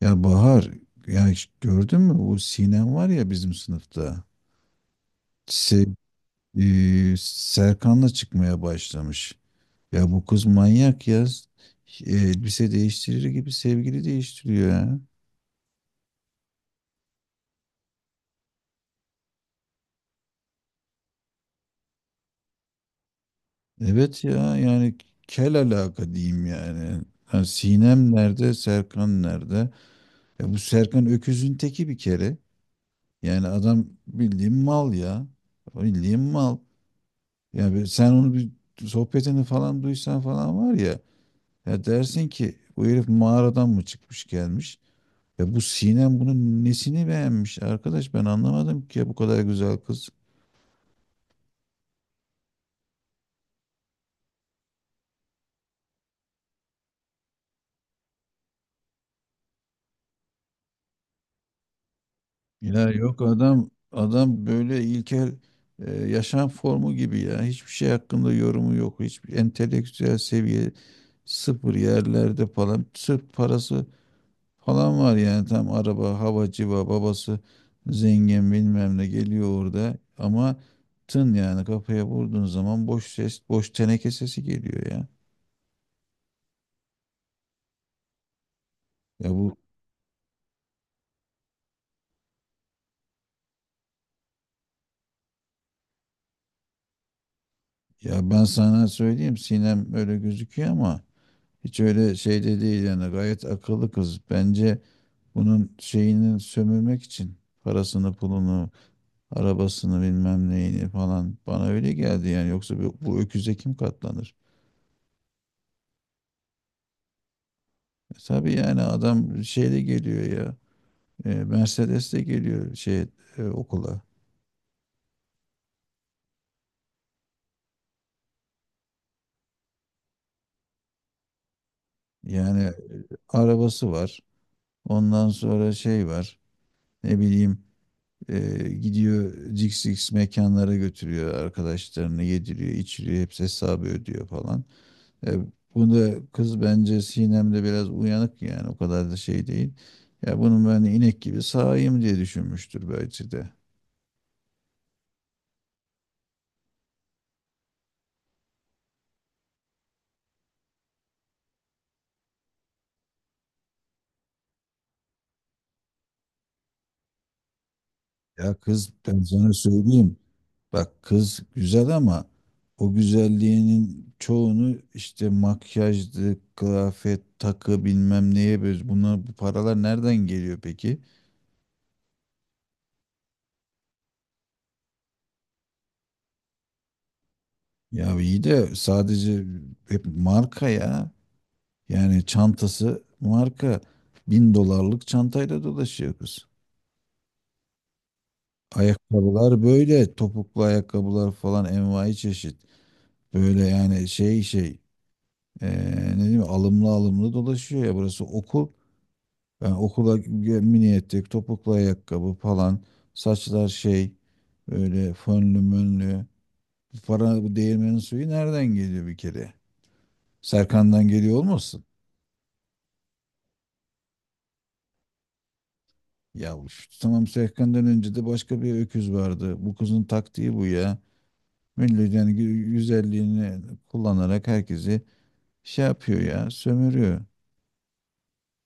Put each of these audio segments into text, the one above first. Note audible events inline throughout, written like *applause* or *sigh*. Ya Bahar, ya hiç gördün mü bu Sinem var ya bizim sınıfta. Se Serkan'la çıkmaya başlamış. Ya bu kız manyak ya. Elbise değiştirir gibi sevgili değiştiriyor ya. Evet ya yani kel alaka diyeyim yani. Ha, Sinem nerede, Serkan nerede? Ya bu Serkan öküzün teki bir kere. Yani adam bildiğin mal ya. Bildiğin mal. Ya sen onu bir sohbetini falan duysan falan var ya. Ya dersin ki bu herif mağaradan mı çıkmış gelmiş? Ya bu Sinem bunun nesini beğenmiş arkadaş ben anlamadım ki ya bu kadar güzel kız. Ya yok adam böyle ilkel yaşam formu gibi ya hiçbir şey hakkında yorumu yok. Hiçbir entelektüel seviye sıfır yerlerde falan sırf parası falan var yani tam araba hava civa babası zengin bilmem ne geliyor orada ama tın yani kafaya vurduğun zaman boş ses boş teneke sesi geliyor ya. Ya bu ya Ben sana söyleyeyim Sinem öyle gözüküyor ama hiç öyle şeyde değil yani gayet akıllı kız. Bence bunun şeyini sömürmek için parasını pulunu arabasını bilmem neyini falan bana öyle geldi yani yoksa bu öküze kim katlanır? E tabii yani adam şeyle geliyor ya. E, Mercedes de geliyor şey okula. Yani arabası var. Ondan sonra şey var. Ne bileyim gidiyor cix cix mekanlara götürüyor arkadaşlarını yediriyor, içiriyor, hepsi hesabı ödüyor falan. E, Bunda kız bence Sinem'de biraz uyanık yani o kadar da şey değil. Ya bunun ben inek gibi sağayım diye düşünmüştür belki de. Ya kız ben sana söyleyeyim. Bak kız güzel ama o güzelliğinin çoğunu işte makyajdı, kıyafet, takı bilmem neye böyle buna bu paralar nereden geliyor peki? Ya iyi de sadece hep marka ya. Yani çantası marka. 1.000 dolarlık çantayla dolaşıyor kız. Ayakkabılar böyle topuklu ayakkabılar falan envai çeşit. Böyle yani Ee, ne diyeyim alımlı alımlı dolaşıyor ya burası okul. Mini etek, topuklu ayakkabı falan, saçlar şey böyle fönlü mönlü. Bu para bu değirmenin suyu nereden geliyor bir kere? Serkan'dan geliyor olmasın? Ya bu Tamam Serkan'dan önce de başka bir öküz vardı. Bu kızın taktiği bu ya. Millet yani güzelliğini kullanarak herkesi şey yapıyor ya, sömürüyor.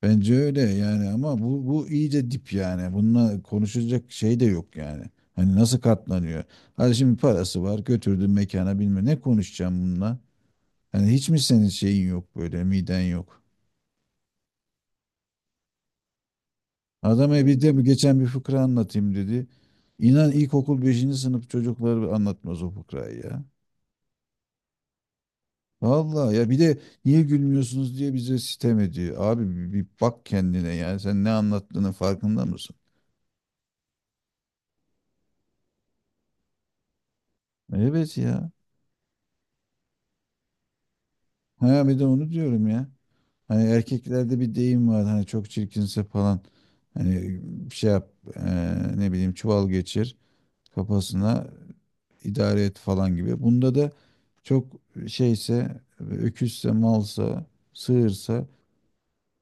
Bence öyle yani ama bu iyice dip yani. Bununla konuşacak şey de yok yani. Hani nasıl katlanıyor? Hadi şimdi parası var götürdün mekana bilmem ne konuşacağım bununla. Hani hiç mi senin şeyin yok böyle miden yok? Adam e bir de bu geçen bir fıkra anlatayım dedi. İnan ilkokul beşinci sınıf çocukları anlatmaz o fıkrayı ya. Vallahi ya bir de niye gülmüyorsunuz diye bize sitem ediyor. Abi bir bak kendine yani sen ne anlattığının farkında mısın? Evet ya. Ha bir de onu diyorum ya. Hani erkeklerde bir deyim var hani çok çirkinse falan hani bir şey yap ne bileyim çuval geçir kafasına idare et falan gibi. Bunda da çok şeyse öküzse malsa sığırsa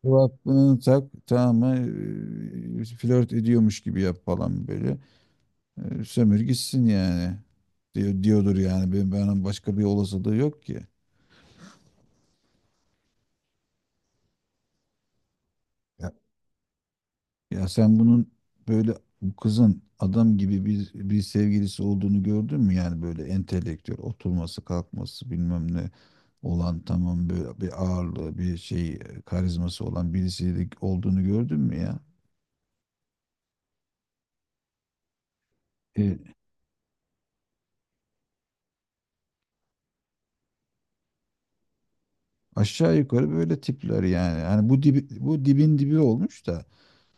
kulaklığını tak tamam mı flört ediyormuş gibi yap falan böyle. Sömür gitsin yani diyor, diyordur yani ben başka bir olasılığı yok ki. Ya sen bunun böyle bu kızın adam gibi bir sevgilisi olduğunu gördün mü? Yani böyle entelektüel oturması kalkması bilmem ne olan tamam böyle bir ağırlığı bir şey karizması olan birisiyle olduğunu gördün mü ya? E, Aşağı yukarı böyle tipler yani. Hani bu dibi, bu dibin dibi olmuş da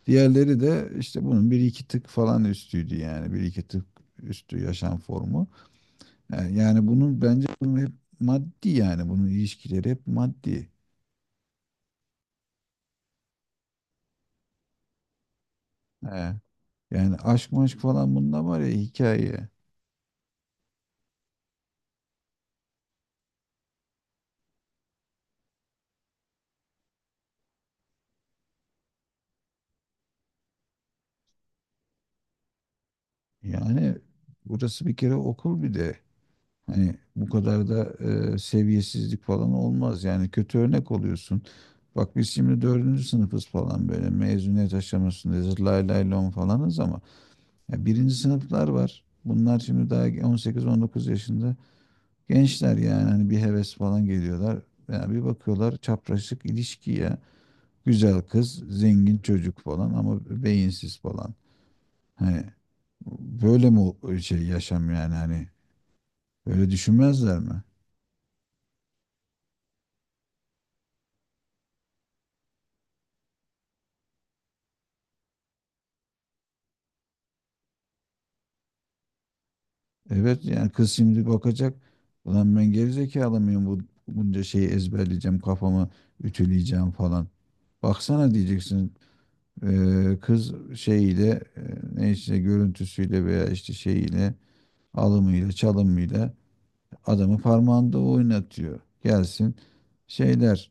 diğerleri de işte bunun bir iki tık falan üstüydü yani bir iki tık üstü yaşam formu. Yani bunun bence bunun hep maddi yani bunun ilişkileri hep maddi. He. Yani aşk maşk falan bunda var ya hikaye. Yani burası bir kere okul bir de. Hani bu kadar da seviyesizlik falan olmaz. Yani kötü örnek oluyorsun. Bak biz şimdi dördüncü sınıfız falan böyle mezuniyet aşamasındayız. Lay lay lon falanız ama ya birinci sınıflar var. Bunlar şimdi daha 18-19 yaşında gençler yani hani bir heves falan geliyorlar. Yani bir bakıyorlar çapraşık ilişki ya. Güzel kız, zengin çocuk falan ama beyinsiz falan. Hani böyle şey yaşam yani hani öyle düşünmezler mi? Evet yani kız şimdi bakacak ulan ben gerizekalı mıyım bu bunca şeyi ezberleyeceğim kafamı ütüleyeceğim falan. Baksana diyeceksin kız şeyiyle eee, ne işte görüntüsüyle veya işte şeyiyle alımıyla çalımıyla adamı parmağında oynatıyor. Gelsin şeyler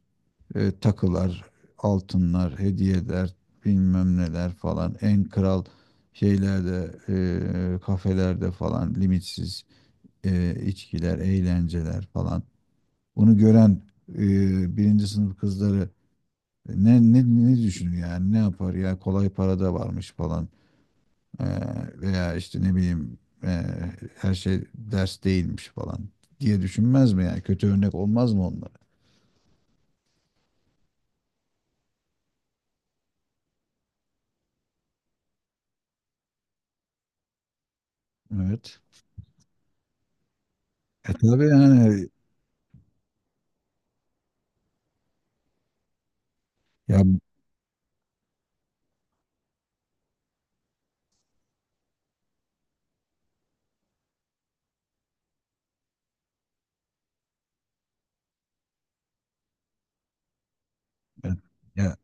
takılar, altınlar, hediyeler, bilmem neler falan. En kral şeylerde, kafelerde falan limitsiz içkiler, eğlenceler falan. Bunu gören birinci sınıf kızları ne, ne, ne düşünür yani ne yapar ya kolay para da varmış falan. E, Veya işte ne bileyim her şey ders değilmiş falan diye düşünmez mi yani kötü örnek olmaz mı onlara? Evet. E tabii yani ya, ya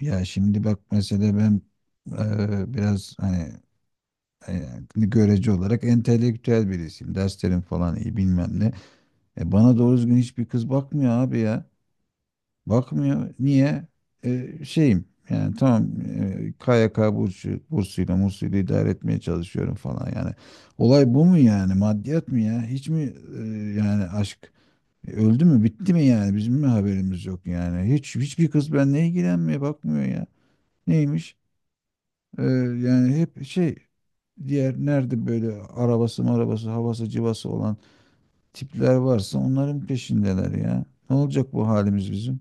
Ya şimdi bak mesela ben biraz hani görece olarak entelektüel birisiyim. Derslerim falan iyi bilmem ne. E, bana doğru düzgün hiçbir kız bakmıyor abi ya. Bakmıyor. Niye? E, şeyim yani tamam e, KYK bursu, bursuyla mursuyla idare etmeye çalışıyorum falan yani. Olay bu mu yani? Maddiyat mı ya? Hiç mi yani aşk öldü mü bitti mi yani? Bizim mi haberimiz yok yani? Hiçbir kız benimle ilgilenmiyor bakmıyor ya. Neymiş? Ee, Yani hep şey diğer nerede böyle arabası marabası havası civası olan tipler varsa onların peşindeler ya. Ne olacak bu halimiz bizim?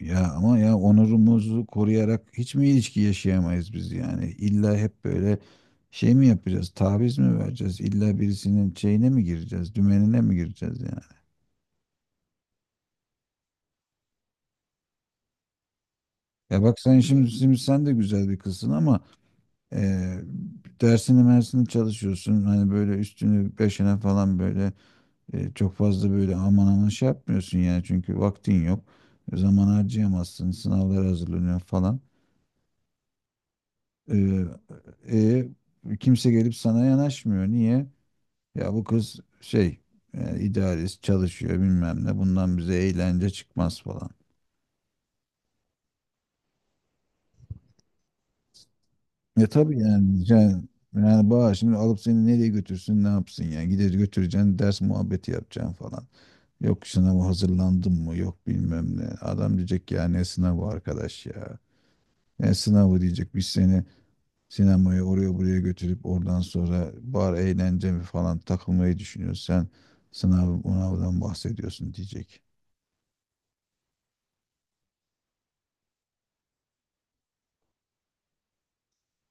Ya ama ya onurumuzu koruyarak hiç mi ilişki yaşayamayız biz yani? İlla hep böyle şey mi yapacağız? Taviz mi vereceğiz? İlla birisinin şeyine mi gireceğiz? Dümenine mi gireceğiz yani? Ya bak sen şimdi sen de güzel bir kızsın ama e, dersini mersini çalışıyorsun. Hani böyle üstünü beşine falan böyle. E, çok fazla böyle aman aman şey yapmıyorsun yani çünkü vaktin yok. E, zaman harcayamazsın, sınavlara hazırlanıyor falan. E, e, Kimse gelip sana yanaşmıyor. Niye? Ya bu kız şey yani idealist çalışıyor bilmem ne bundan bize eğlence çıkmaz falan. E tabii yani Bahar şimdi alıp seni nereye götürsün ne yapsın yani gider götüreceksin ders muhabbeti yapacaksın falan. Yok sınava hazırlandın mı yok bilmem ne. Adam diyecek ya ne sınavı arkadaş ya. Yani sınavı diyecek biz seni sinemaya oraya buraya götürüp oradan sonra bar eğlence mi falan takılmayı düşünüyorsun. Sen sınavdan bahsediyorsun diyecek.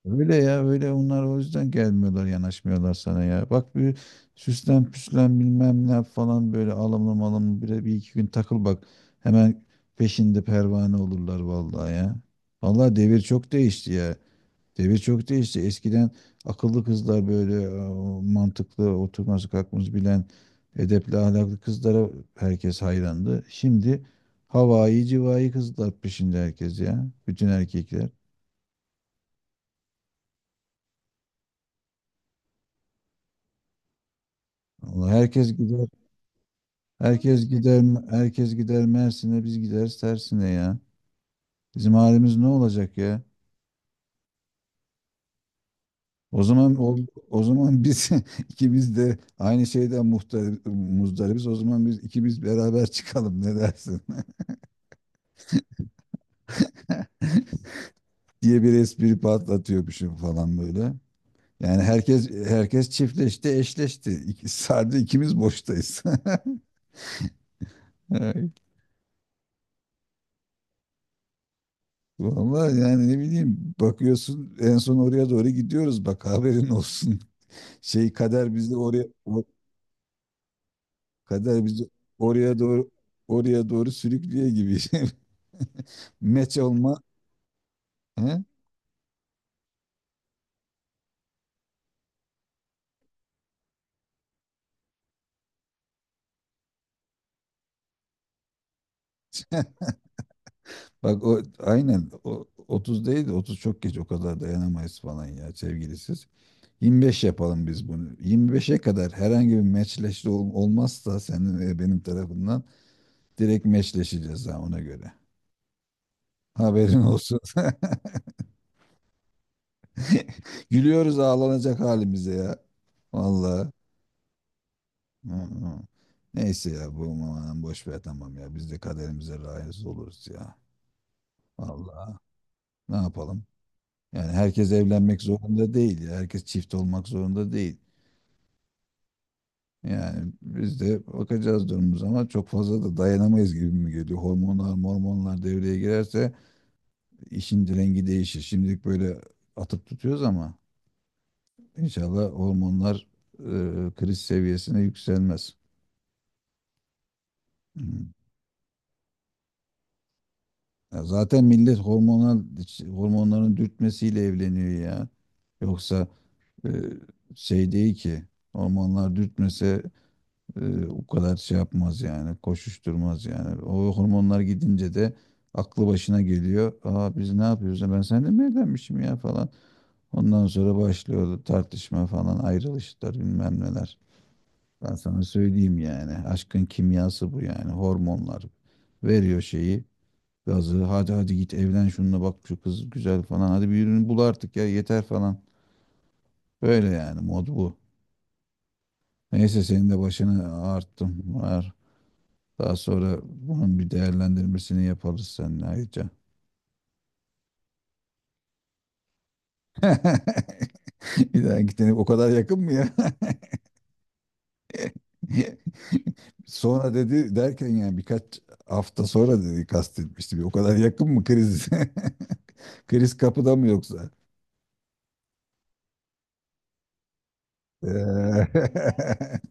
Öyle ya öyle onlar o yüzden gelmiyorlar yanaşmıyorlar sana ya. Bak bir süslen püslen bilmem ne yap falan böyle alımlı malımlı bir, bir iki gün takıl bak. Hemen peşinde pervane olurlar vallahi ya. Vallahi devir çok değişti ya. Devir çok değişti. Eskiden akıllı kızlar böyle mantıklı oturması kalkması bilen edepli ahlaklı kızlara herkes hayrandı. Şimdi havai civai kızlar peşinde herkes ya. Bütün erkekler. Allah herkes gider. Herkes gider. Herkes gider Mersin'e biz gideriz tersine ya. Bizim halimiz ne olacak ya? O zaman o, O zaman biz *laughs* ikimiz de aynı şeyden muhtar, muzdaribiz. O zaman biz ikimiz beraber çıkalım ne dersin? *laughs* diye bir espri patlatıyormuşum falan böyle. Yani herkes çiftleşti, eşleşti. İki, sardı ikimiz boştayız. *laughs* Evet. Vallahi yani ne bileyim bakıyorsun en son oraya doğru gidiyoruz bak haberin olsun. *laughs* Şey kader bizi oraya o- Kader bizi oraya doğru oraya doğru sürüklüyor gibi. *laughs* Meç olma. He? *laughs* Bak o aynen o 30 değil de 30 çok geç o kadar dayanamayız falan ya sevgilisiz. 25 yapalım biz bunu. 25'e kadar herhangi bir olmazsa senin ve benim tarafından direkt meçleşeceğiz ha ona göre. Haberin olsun. *laughs* Gülüyoruz ağlanacak halimize ya. Vallahi. Hı hı. Neyse ya bu aman boş ver tamam ya. Biz de kaderimize razı oluruz ya. Vallahi ne yapalım? Yani herkes evlenmek zorunda değil ya. Herkes çift olmak zorunda değil. Yani biz de bakacağız durumumuz ama çok fazla da dayanamayız gibi mi geliyor? Hormonlar, mormonlar devreye girerse işin rengi değişir. Şimdilik böyle atıp tutuyoruz ama inşallah hormonlar e, kriz seviyesine yükselmez. Hı. Ya zaten millet hormonların dürtmesiyle evleniyor ya. Yoksa e, şey değil ki hormonlar dürtmese. O kadar şey yapmaz yani, koşuşturmaz yani. O hormonlar gidince de aklı başına geliyor. Aa biz ne yapıyoruz? Ben seninle mi evlenmişim ya falan. Ondan sonra başlıyor tartışma falan, ayrılışlar bilmem neler. Ben sana söyleyeyim yani. Aşkın kimyası bu yani. Hormonlar veriyor şeyi, gazı. Hadi git evlen şununla bak şu kız güzel falan. Hadi birini bul artık ya yeter falan. Böyle yani mod bu. Neyse senin de başını ağarttım. Var. Daha sonra bunun bir değerlendirmesini yaparız seninle ayrıca. *laughs* Bir daha gitene o kadar yakın mı ya? *laughs* Sonra dedi derken yani birkaç hafta sonra dedi kastetmişti. O kadar yakın mı kriz? *laughs* Kriz kapıda mı yoksa? Eee, *laughs*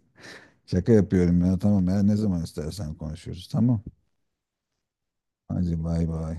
Şaka yapıyorum ya tamam ya ne zaman istersen konuşuruz tamam. Hadi bay bay.